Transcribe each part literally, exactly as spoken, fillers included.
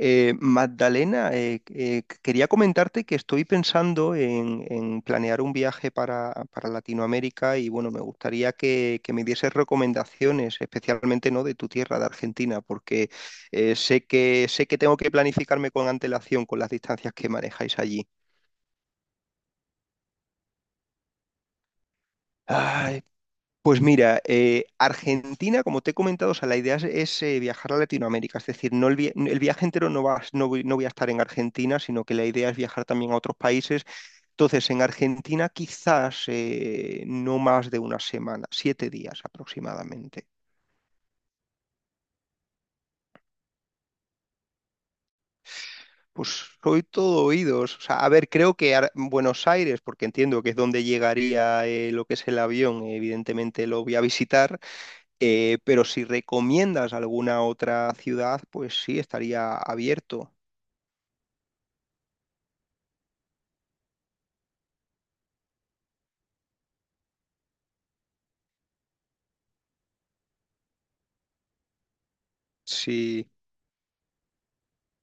Eh, Magdalena, eh, eh, quería comentarte que estoy pensando en, en planear un viaje para, para Latinoamérica y bueno, me gustaría que, que me dieses recomendaciones, especialmente ¿no?, de tu tierra, de Argentina, porque eh, sé que, sé que tengo que planificarme con antelación con las distancias que manejáis allí. Ay. Pues mira, eh, Argentina, como te he comentado, o sea, la idea es, es, eh, viajar a Latinoamérica, es decir, no el, vi- el viaje entero no va, no voy, no voy a estar en Argentina, sino que la idea es viajar también a otros países. Entonces, en Argentina quizás eh, no más de una semana, siete días aproximadamente. Pues soy todo oídos. O sea, a ver, creo que Ar- Buenos Aires, porque entiendo que es donde llegaría eh, lo que es el avión, evidentemente lo voy a visitar. Eh, pero si recomiendas alguna otra ciudad, pues sí, estaría abierto. Sí,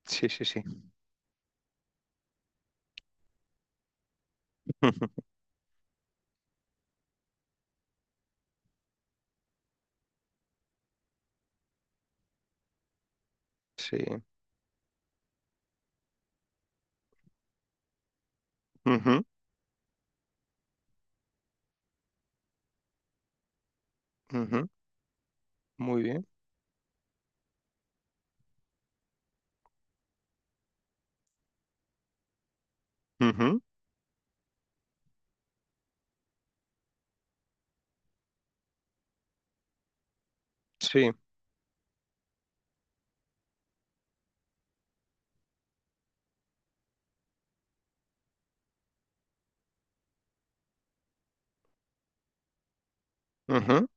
sí, sí, sí. Sí. Ujú, ujú. Muy bien. Ujú. Sí. Ujú.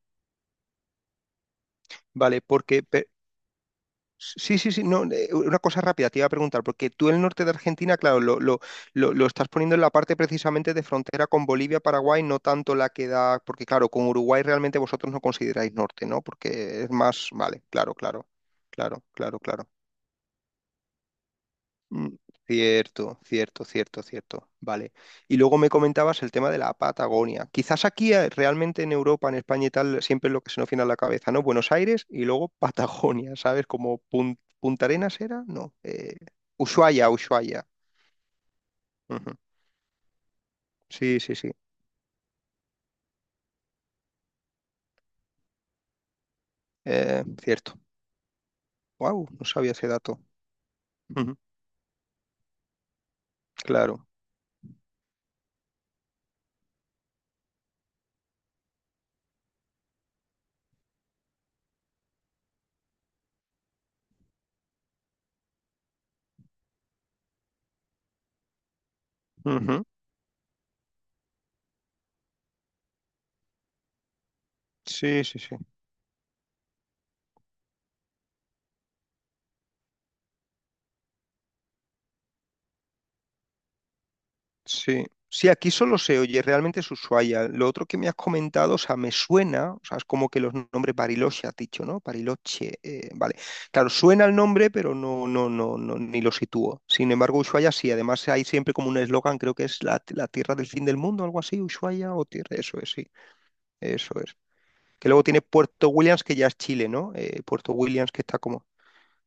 Vale, porque... pe- sí, sí, sí, no, eh, una cosa rápida, te iba a preguntar, porque tú el norte de Argentina, claro, lo, lo, lo, lo estás poniendo en la parte precisamente de frontera con Bolivia, Paraguay, no tanto la que da, porque claro, con Uruguay realmente vosotros no consideráis norte, ¿no? Porque es más, vale, claro, claro, claro, claro, claro. Mm. Cierto, cierto, cierto, cierto. Vale. Y luego me comentabas el tema de la Patagonia. Quizás aquí eh, realmente en Europa, en España y tal, siempre es lo que se nos viene a la cabeza, ¿no? Buenos Aires y luego Patagonia, ¿sabes? Como Pun- Punta Arenas era, no. eh, Ushuaia, Ushuaia. Ujú. Sí, sí, sí. Eh, cierto. Wow, no sabía ese dato. Ujú. Claro. Ujú. Sí, sí, sí. Sí, sí, aquí solo se oye, realmente es Ushuaia. Lo otro que me has comentado, o sea, me suena, o sea, es como que los nombres Bariloche has dicho, ¿no? Bariloche, eh, vale. Claro, suena el nombre, pero no, no, no, no, ni lo sitúo. Sin embargo, Ushuaia sí, además hay siempre como un eslogan, creo que es la, la tierra del fin del mundo, algo así, Ushuaia o tierra, eso es, sí, eso es. Que luego tiene Puerto Williams, que ya es Chile, ¿no? Eh, Puerto Williams, que está como,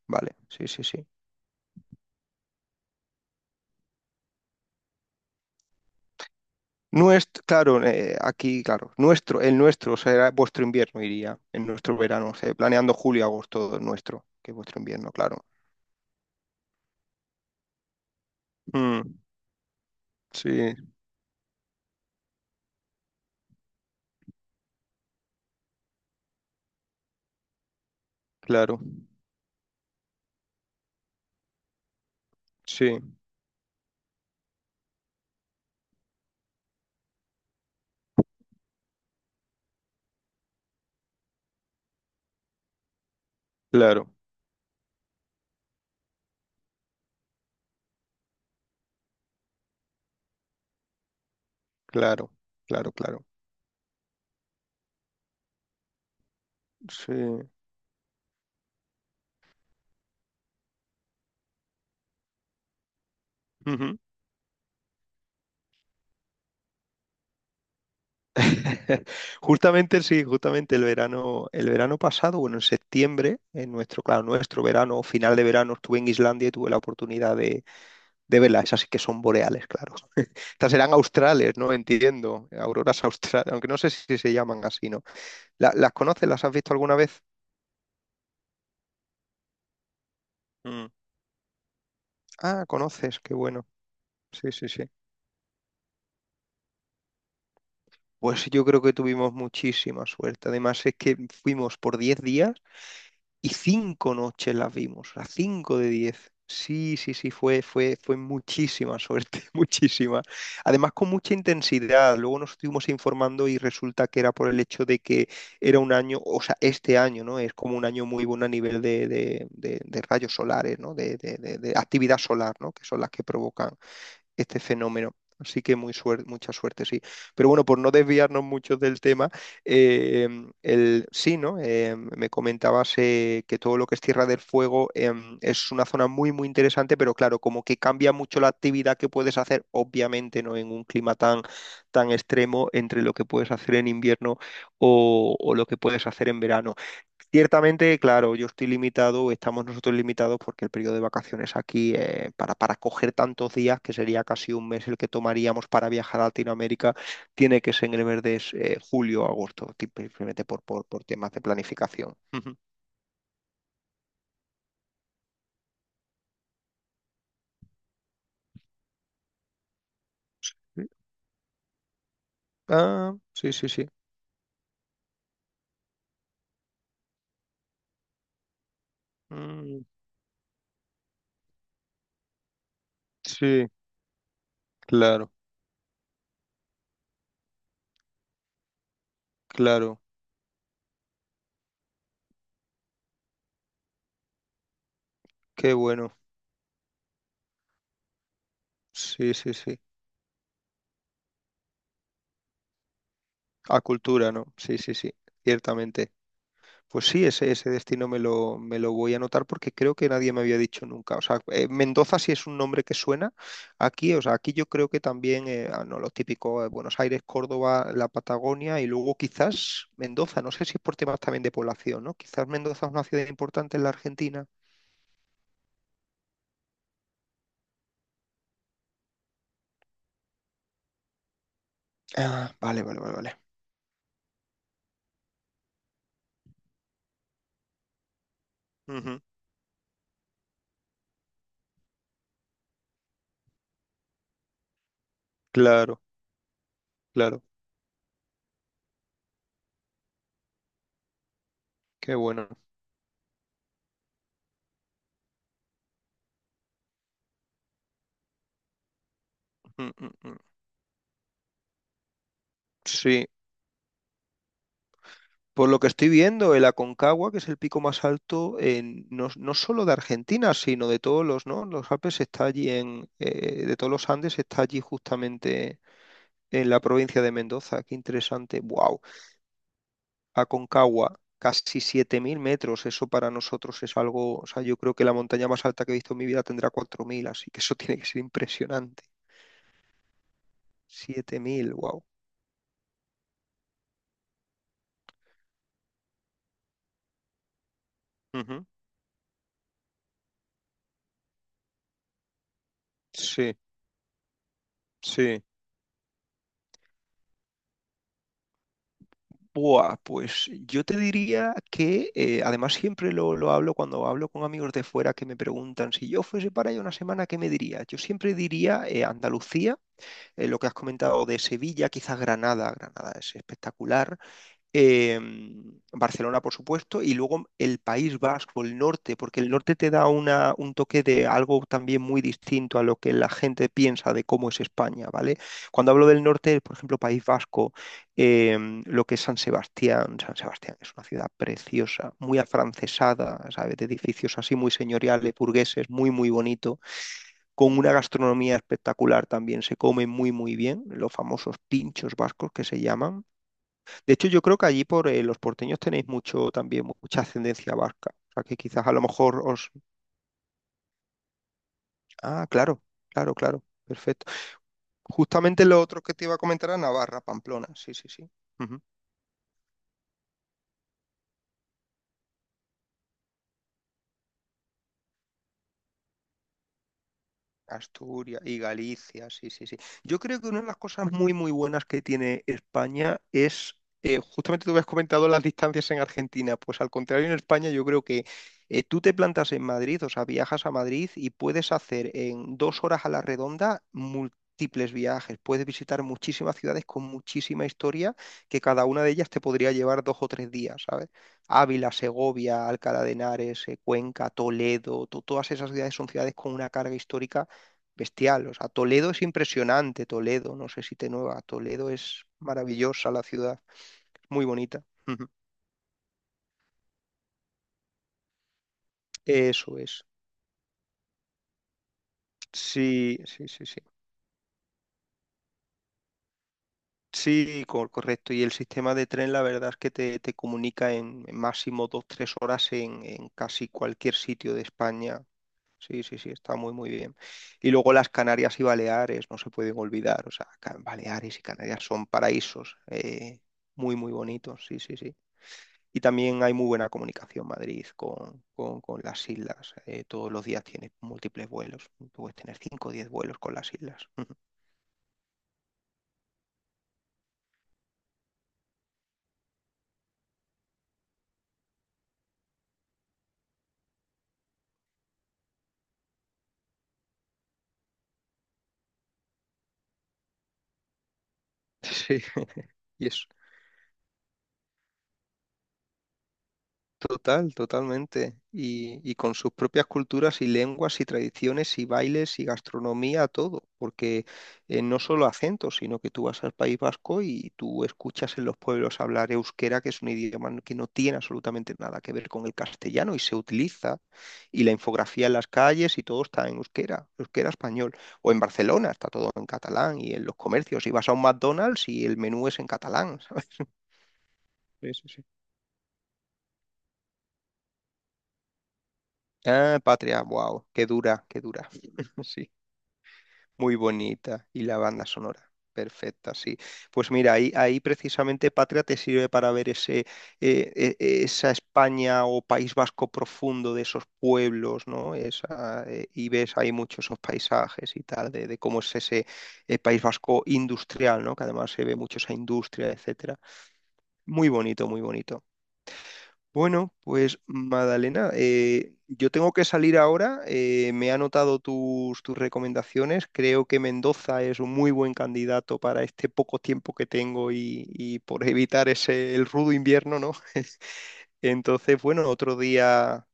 vale, sí, sí, sí. Nuestro, claro, eh, aquí, claro, nuestro, el nuestro será vuestro invierno, iría, en nuestro verano, o sea, planeando julio, agosto, el nuestro, que vuestro invierno, claro. Mm, sí, claro, sí, claro, claro, claro, claro, sí. Ujú. Justamente, sí, justamente el verano, el verano pasado, bueno, en septiembre, en nuestro, claro, nuestro verano, final de verano, estuve en Islandia y tuve la oportunidad de, de verlas, esas sí que son boreales, claro. Estas serán australes, ¿no? Entiendo. Auroras australes, aunque no sé si se llaman así, ¿no? ¿La- ¿Las conoces? ¿Las has visto alguna vez? Mm. Ah, conoces, qué bueno. Sí, sí, sí. Pues yo creo que tuvimos muchísima suerte. Además, es que fuimos por diez días y cinco noches las vimos, las cinco de diez. Sí, sí, sí, fue, fue, fue muchísima suerte, muchísima. Además, con mucha intensidad. Luego nos estuvimos informando y resulta que era por el hecho de que era un año, o sea, este año, ¿no? Es como un año muy bueno a nivel de, de- de- de rayos solares, ¿no? De, de- de- de actividad solar, ¿no? Que son las que provocan este fenómeno. Así que muy suer- mucha suerte, sí. Pero bueno, por no desviarnos mucho del tema, eh, el, sí, ¿no? Eh, me comentabas eh, que todo lo que es Tierra del Fuego em, es una zona muy, muy interesante, pero claro, como que cambia mucho la actividad que puedes hacer, obviamente, ¿no? En un clima tan, tan extremo entre lo que puedes hacer en invierno o, o lo que puedes hacer en verano. Ciertamente, claro, yo estoy limitado, estamos nosotros limitados porque el periodo de vacaciones aquí, eh, para, para coger tantos días, que sería casi un mes el que tomaríamos para viajar a Latinoamérica, tiene que ser en el mes de eh, julio o agosto, tipo, simplemente por, por, por temas de planificación. Ujú. Sí. Ah, sí, sí, sí. Mm, sí, claro, claro. Qué bueno. Sí, sí, sí. A cultura, ¿no? Sí, sí, sí. Ciertamente. Pues sí, ese, ese destino me lo, me lo voy a anotar porque creo que nadie me había dicho nunca. O sea, eh, Mendoza sí es un nombre que suena aquí. O sea, aquí yo creo que también, eh, ah, no, los típicos eh, Buenos Aires, Córdoba, la Patagonia y luego quizás Mendoza. No sé si es por temas también de población, ¿no? Quizás Mendoza es una ciudad importante en la Argentina. Ah, vale, vale, vale, vale. Ujú. Claro, claro. Qué bueno. Mm, mm, mm. Sí. Por lo que estoy viendo, el Aconcagua, que es el pico más alto, en- no, no solo de Argentina, sino de todos los, ¿no? Los Alpes está allí en, eh, de todos los Andes está allí justamente en la provincia de Mendoza. Qué interesante. Wow. Aconcagua, casi siete mil metros. Eso para nosotros es algo, o sea, yo creo que la montaña más alta que he visto en mi vida tendrá cuatro mil, así que eso tiene que ser impresionante. Siete mil, wow. Ujú. Sí, sí. Buah, pues yo te diría que, eh, además siempre lo, lo hablo cuando hablo con amigos de fuera que me preguntan, si yo fuese para allá una semana, ¿qué me diría? Yo siempre diría eh, Andalucía, eh, lo que has comentado de Sevilla, quizás Granada, Granada es espectacular, eh, Barcelona, por supuesto, y luego el País Vasco, el norte, porque el norte te da una, un toque de algo también muy distinto a lo que la gente piensa de cómo es España, ¿vale? Cuando hablo del norte, por ejemplo, País Vasco, eh, lo que es San Sebastián. San Sebastián es una ciudad preciosa, muy afrancesada, ¿sabes? De edificios así muy señoriales, burgueses, muy, muy bonito, con una gastronomía espectacular también, se come muy, muy bien, los famosos pinchos vascos que se llaman. De hecho, yo creo que allí por eh, los porteños tenéis mucho también, mu- mucha ascendencia vasca. O sea, que quizás a lo mejor os... Ah, claro, claro, claro. Perfecto. Justamente lo otro que te iba a comentar era Navarra, Pamplona. Sí, sí, sí. Ujú. Asturias y Galicia, sí, sí, sí. Yo creo que una de las cosas muy, muy buenas que tiene España es, eh, justamente tú habías comentado las distancias en Argentina, pues al contrario en España yo creo que eh, tú te plantas en Madrid, o sea, viajas a Madrid y puedes hacer en dos horas a la redonda múltiples viajes, puedes visitar muchísimas ciudades con muchísima historia, que cada una de ellas te podría llevar dos o tres días, ¿sabes? Ávila, Segovia, Alcalá de Henares, eh, Cuenca, Toledo, to- todas esas ciudades son ciudades con una carga histórica bestial. O sea, Toledo es impresionante, Toledo, no sé si te nueva, Toledo es maravillosa la ciudad, muy bonita. Ujú. Eso es. Sí, sí, sí, sí. Sí, co- correcto. Y el sistema de tren, la verdad es que te, te comunica en, en máximo dos, tres horas en, en casi cualquier sitio de España. Sí, sí, sí, está muy, muy bien. Y luego las Canarias y Baleares, no se pueden olvidar. O sea, Ca- Baleares y Canarias son paraísos, eh, muy, muy bonitos. Sí, sí, sí. Y también hay muy buena comunicación Madrid con, con- con las islas. Eh, todos los días tienes múltiples vuelos. Puedes tener cinco o diez vuelos con las islas. Sí, y es total, totalmente. Y, y con sus propias culturas y lenguas y tradiciones y bailes y gastronomía, todo. Porque eh, no solo acentos, sino que tú vas al País Vasco y tú escuchas en los pueblos hablar euskera, que es un idioma no- que no tiene absolutamente nada que ver con el castellano y se utiliza. Y la infografía en las calles y todo está en euskera, euskera español. O en Barcelona está todo en catalán y en los comercios. Y vas a un McDonald's y el menú es en catalán. ¿Sabes? Ah, Patria, wow, qué dura, qué dura. Sí, muy bonita. Y la banda sonora, perfecta, sí. Pues mira, ahí, ahí precisamente Patria te sirve para ver ese, eh, e- e- esa España o País Vasco profundo de esos pueblos, ¿no? Esa, eh, y ves ahí muchos esos paisajes y tal, de, de cómo es ese eh, País Vasco industrial, ¿no? Que además se ve mucho esa industria, etcétera. Muy bonito, muy bonito. Bueno, pues Madalena, eh, yo tengo que salir ahora. Eh, me he anotado tus, tus recomendaciones. Creo que Mendoza es un muy buen candidato para este poco tiempo que tengo y, y por evitar ese, el rudo invierno, ¿no? Entonces, bueno, otro día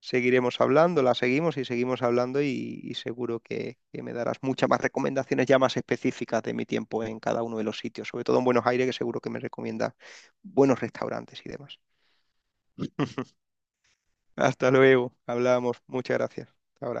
seguiremos hablando, la seguimos y seguimos hablando y, y seguro que, que me darás muchas más recomendaciones ya más específicas de mi tiempo en cada uno de los sitios, sobre todo en Buenos Aires, que seguro que me recomienda buenos restaurantes y demás. Hasta luego. Hablamos. Muchas gracias. Hasta ahora.